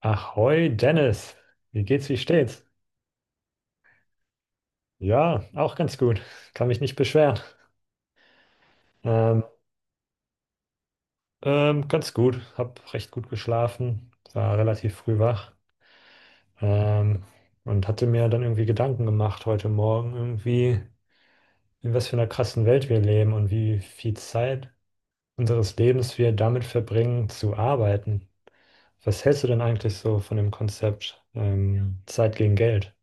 Ahoi Dennis, wie geht's, wie steht's? Ja, auch ganz gut. Kann mich nicht beschweren. Ähm, ganz gut. Hab recht gut geschlafen, war relativ früh wach ähm, und hatte mir dann irgendwie Gedanken gemacht heute Morgen irgendwie, in was für einer krassen Welt wir leben und wie viel Zeit unseres Lebens wir damit verbringen, zu arbeiten. Was hältst du denn eigentlich so von dem Konzept Zeit gegen Geld?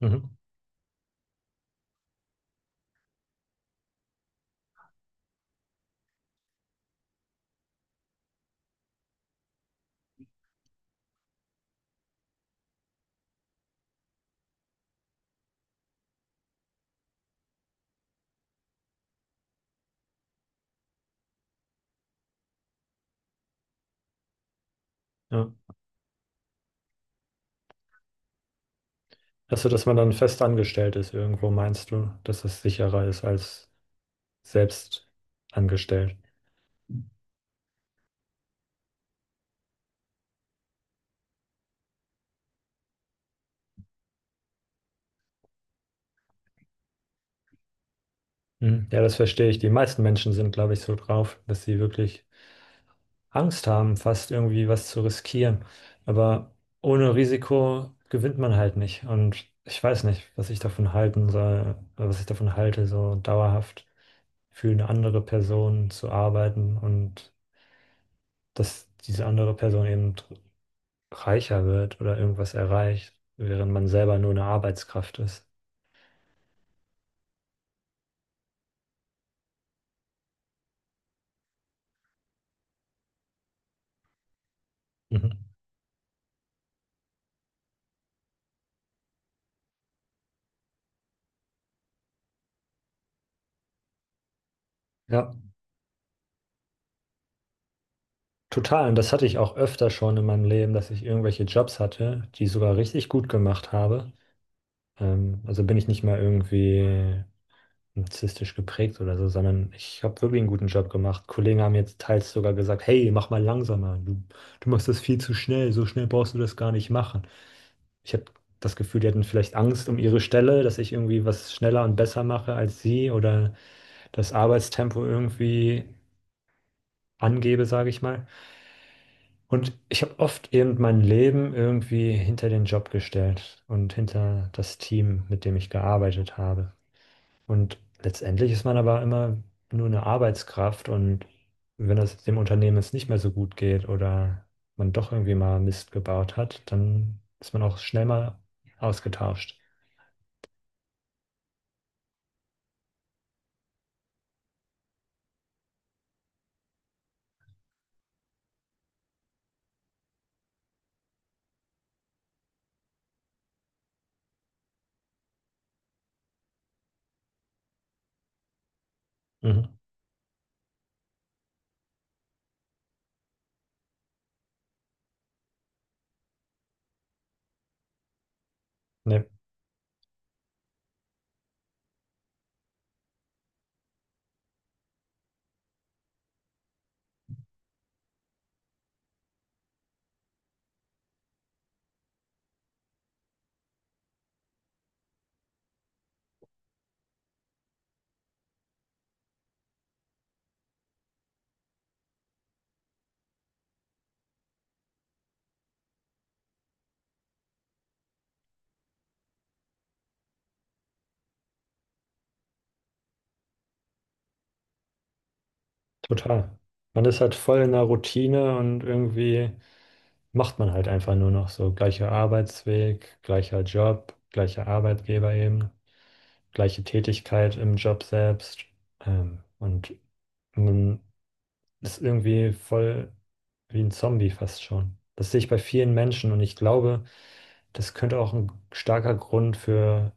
Mhm. Ja. Also, dass man dann fest angestellt ist irgendwo, meinst du, dass es sicherer ist als selbst angestellt? Hm. Ja, das verstehe ich. Die meisten Menschen sind, glaube ich, so drauf, dass sie wirklich Angst haben, fast irgendwie was zu riskieren. Aber ohne Risiko gewinnt man halt nicht. Und ich weiß nicht, was ich davon halten soll, was ich davon halte, so dauerhaft für eine andere Person zu arbeiten und dass diese andere Person eben reicher wird oder irgendwas erreicht, während man selber nur eine Arbeitskraft ist. Mhm. Ja, total. Und das hatte ich auch öfter schon in meinem Leben, dass ich irgendwelche Jobs hatte, die ich sogar richtig gut gemacht habe. Also bin ich nicht mal irgendwie narzisstisch geprägt oder so, sondern ich habe wirklich einen guten Job gemacht. Kollegen haben jetzt teils sogar gesagt, hey, mach mal langsamer, du machst das viel zu schnell, so schnell brauchst du das gar nicht machen. Ich habe das Gefühl, die hatten vielleicht Angst um ihre Stelle, dass ich irgendwie was schneller und besser mache als sie oder das Arbeitstempo irgendwie angebe, sage ich mal. Und ich habe oft eben mein Leben irgendwie hinter den Job gestellt und hinter das Team, mit dem ich gearbeitet habe. Und letztendlich ist man aber immer nur eine Arbeitskraft und wenn das dem Unternehmen jetzt nicht mehr so gut geht oder man doch irgendwie mal Mist gebaut hat, dann ist man auch schnell mal ausgetauscht. Mhm. Ne, total. Man ist halt voll in der Routine und irgendwie macht man halt einfach nur noch so gleicher Arbeitsweg, gleicher Job, gleicher Arbeitgeber eben, gleiche Tätigkeit im Job selbst. Und man ist irgendwie voll wie ein Zombie fast schon. Das sehe ich bei vielen Menschen und ich glaube, das könnte auch ein starker Grund für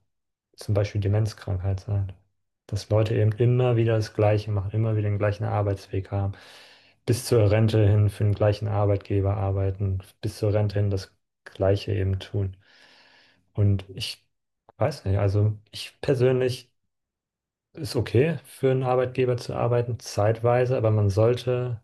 zum Beispiel Demenzkrankheit sein. Dass Leute eben immer wieder das Gleiche machen, immer wieder den gleichen Arbeitsweg haben, bis zur Rente hin für den gleichen Arbeitgeber arbeiten, bis zur Rente hin das Gleiche eben tun. Und ich weiß nicht, also ich persönlich ist okay, für einen Arbeitgeber zu arbeiten, zeitweise, aber man sollte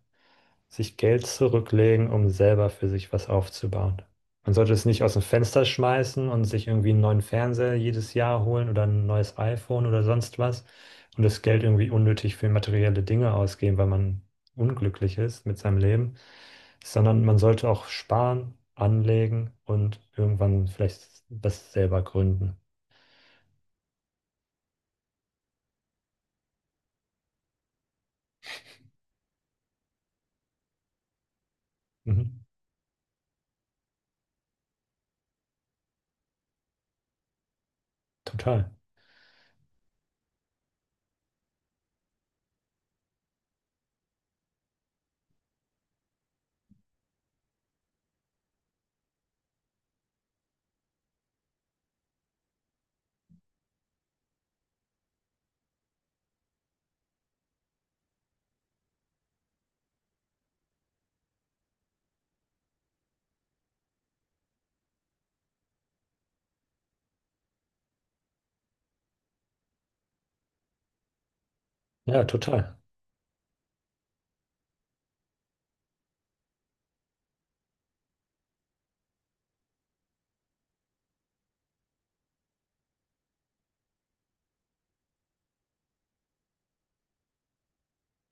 sich Geld zurücklegen, um selber für sich was aufzubauen. Man sollte es nicht aus dem Fenster schmeißen und sich irgendwie einen neuen Fernseher jedes Jahr holen oder ein neues iPhone oder sonst was und das Geld irgendwie unnötig für materielle Dinge ausgeben, weil man unglücklich ist mit seinem Leben, sondern man sollte auch sparen, anlegen und irgendwann vielleicht was selber gründen. Mhm. Total. Ja, total.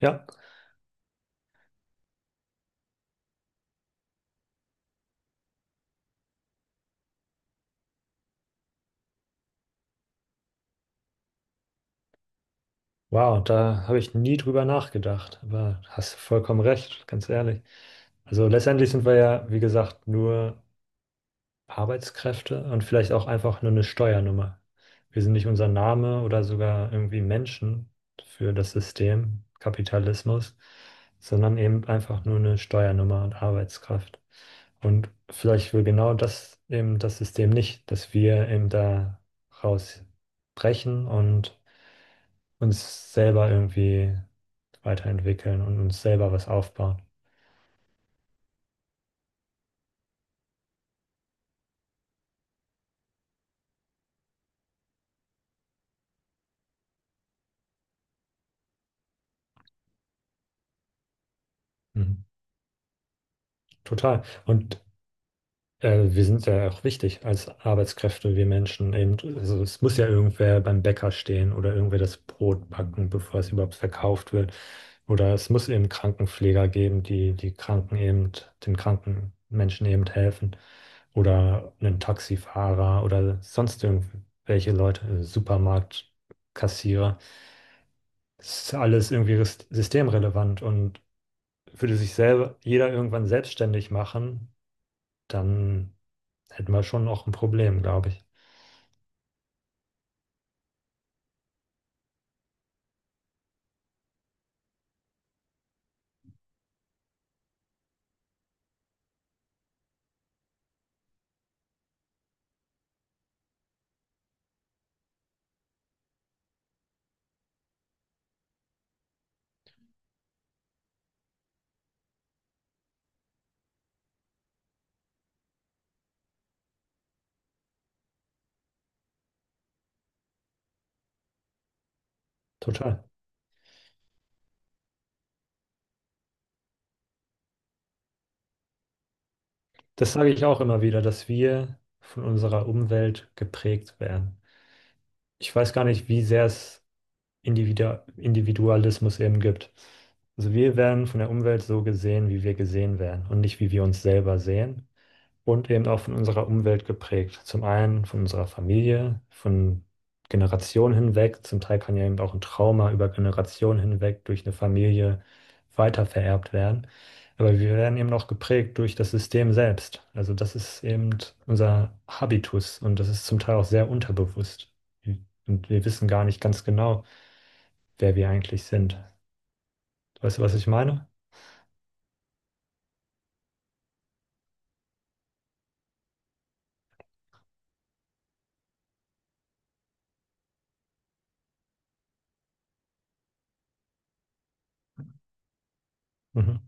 Ja. Wow, da habe ich nie drüber nachgedacht, aber hast vollkommen recht, ganz ehrlich. Also letztendlich sind wir ja, wie gesagt, nur Arbeitskräfte und vielleicht auch einfach nur eine Steuernummer. Wir sind nicht unser Name oder sogar irgendwie Menschen für das System Kapitalismus, sondern eben einfach nur eine Steuernummer und Arbeitskraft. Und vielleicht will genau das eben das System nicht, dass wir eben da rausbrechen und uns selber irgendwie weiterentwickeln und uns selber was aufbauen. Mhm. Total. Und wir sind ja auch wichtig als Arbeitskräfte, wir Menschen eben. Also es muss ja irgendwer beim Bäcker stehen oder irgendwer das Brot backen, bevor es überhaupt verkauft wird. Oder es muss eben Krankenpfleger geben, die die Kranken eben, den kranken Menschen eben helfen. Oder einen Taxifahrer oder sonst irgendwelche Leute, Supermarktkassierer. Das ist alles irgendwie systemrelevant und würde sich selber jeder irgendwann selbstständig machen dann hätten wir schon noch ein Problem, glaube ich. Total. Das sage ich auch immer wieder, dass wir von unserer Umwelt geprägt werden. Ich weiß gar nicht, wie sehr es Individualismus eben gibt. Also wir werden von der Umwelt so gesehen, wie wir gesehen werden und nicht, wie wir uns selber sehen. Und eben auch von unserer Umwelt geprägt. Zum einen von unserer Familie, von Generationen hinweg. Zum Teil kann ja eben auch ein Trauma über Generationen hinweg durch eine Familie weitervererbt werden. Aber wir werden eben auch geprägt durch das System selbst. Also das ist eben unser Habitus und das ist zum Teil auch sehr unterbewusst. Und wir wissen gar nicht ganz genau, wer wir eigentlich sind. Weißt du, was ich meine? Mhm.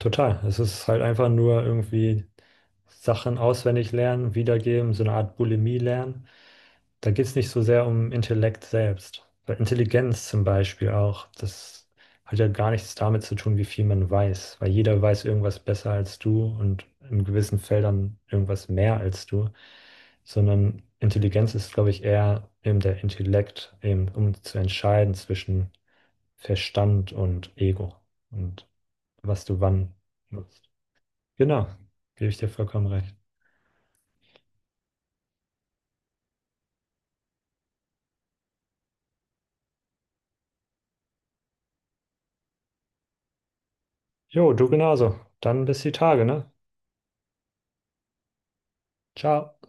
Total. Es ist halt einfach nur irgendwie Sachen auswendig lernen, wiedergeben, so eine Art Bulimie lernen. Da geht es nicht so sehr um Intellekt selbst. Bei Intelligenz zum Beispiel auch. Das hat ja gar nichts damit zu tun, wie viel man weiß, weil jeder weiß irgendwas besser als du und in gewissen Feldern irgendwas mehr als du, sondern Intelligenz ist, glaube ich, eher eben der Intellekt, eben um zu entscheiden zwischen Verstand und Ego und was du wann nutzt. Genau, gebe ich dir vollkommen recht. Jo, du genauso. Dann bis die Tage, ne? Ciao.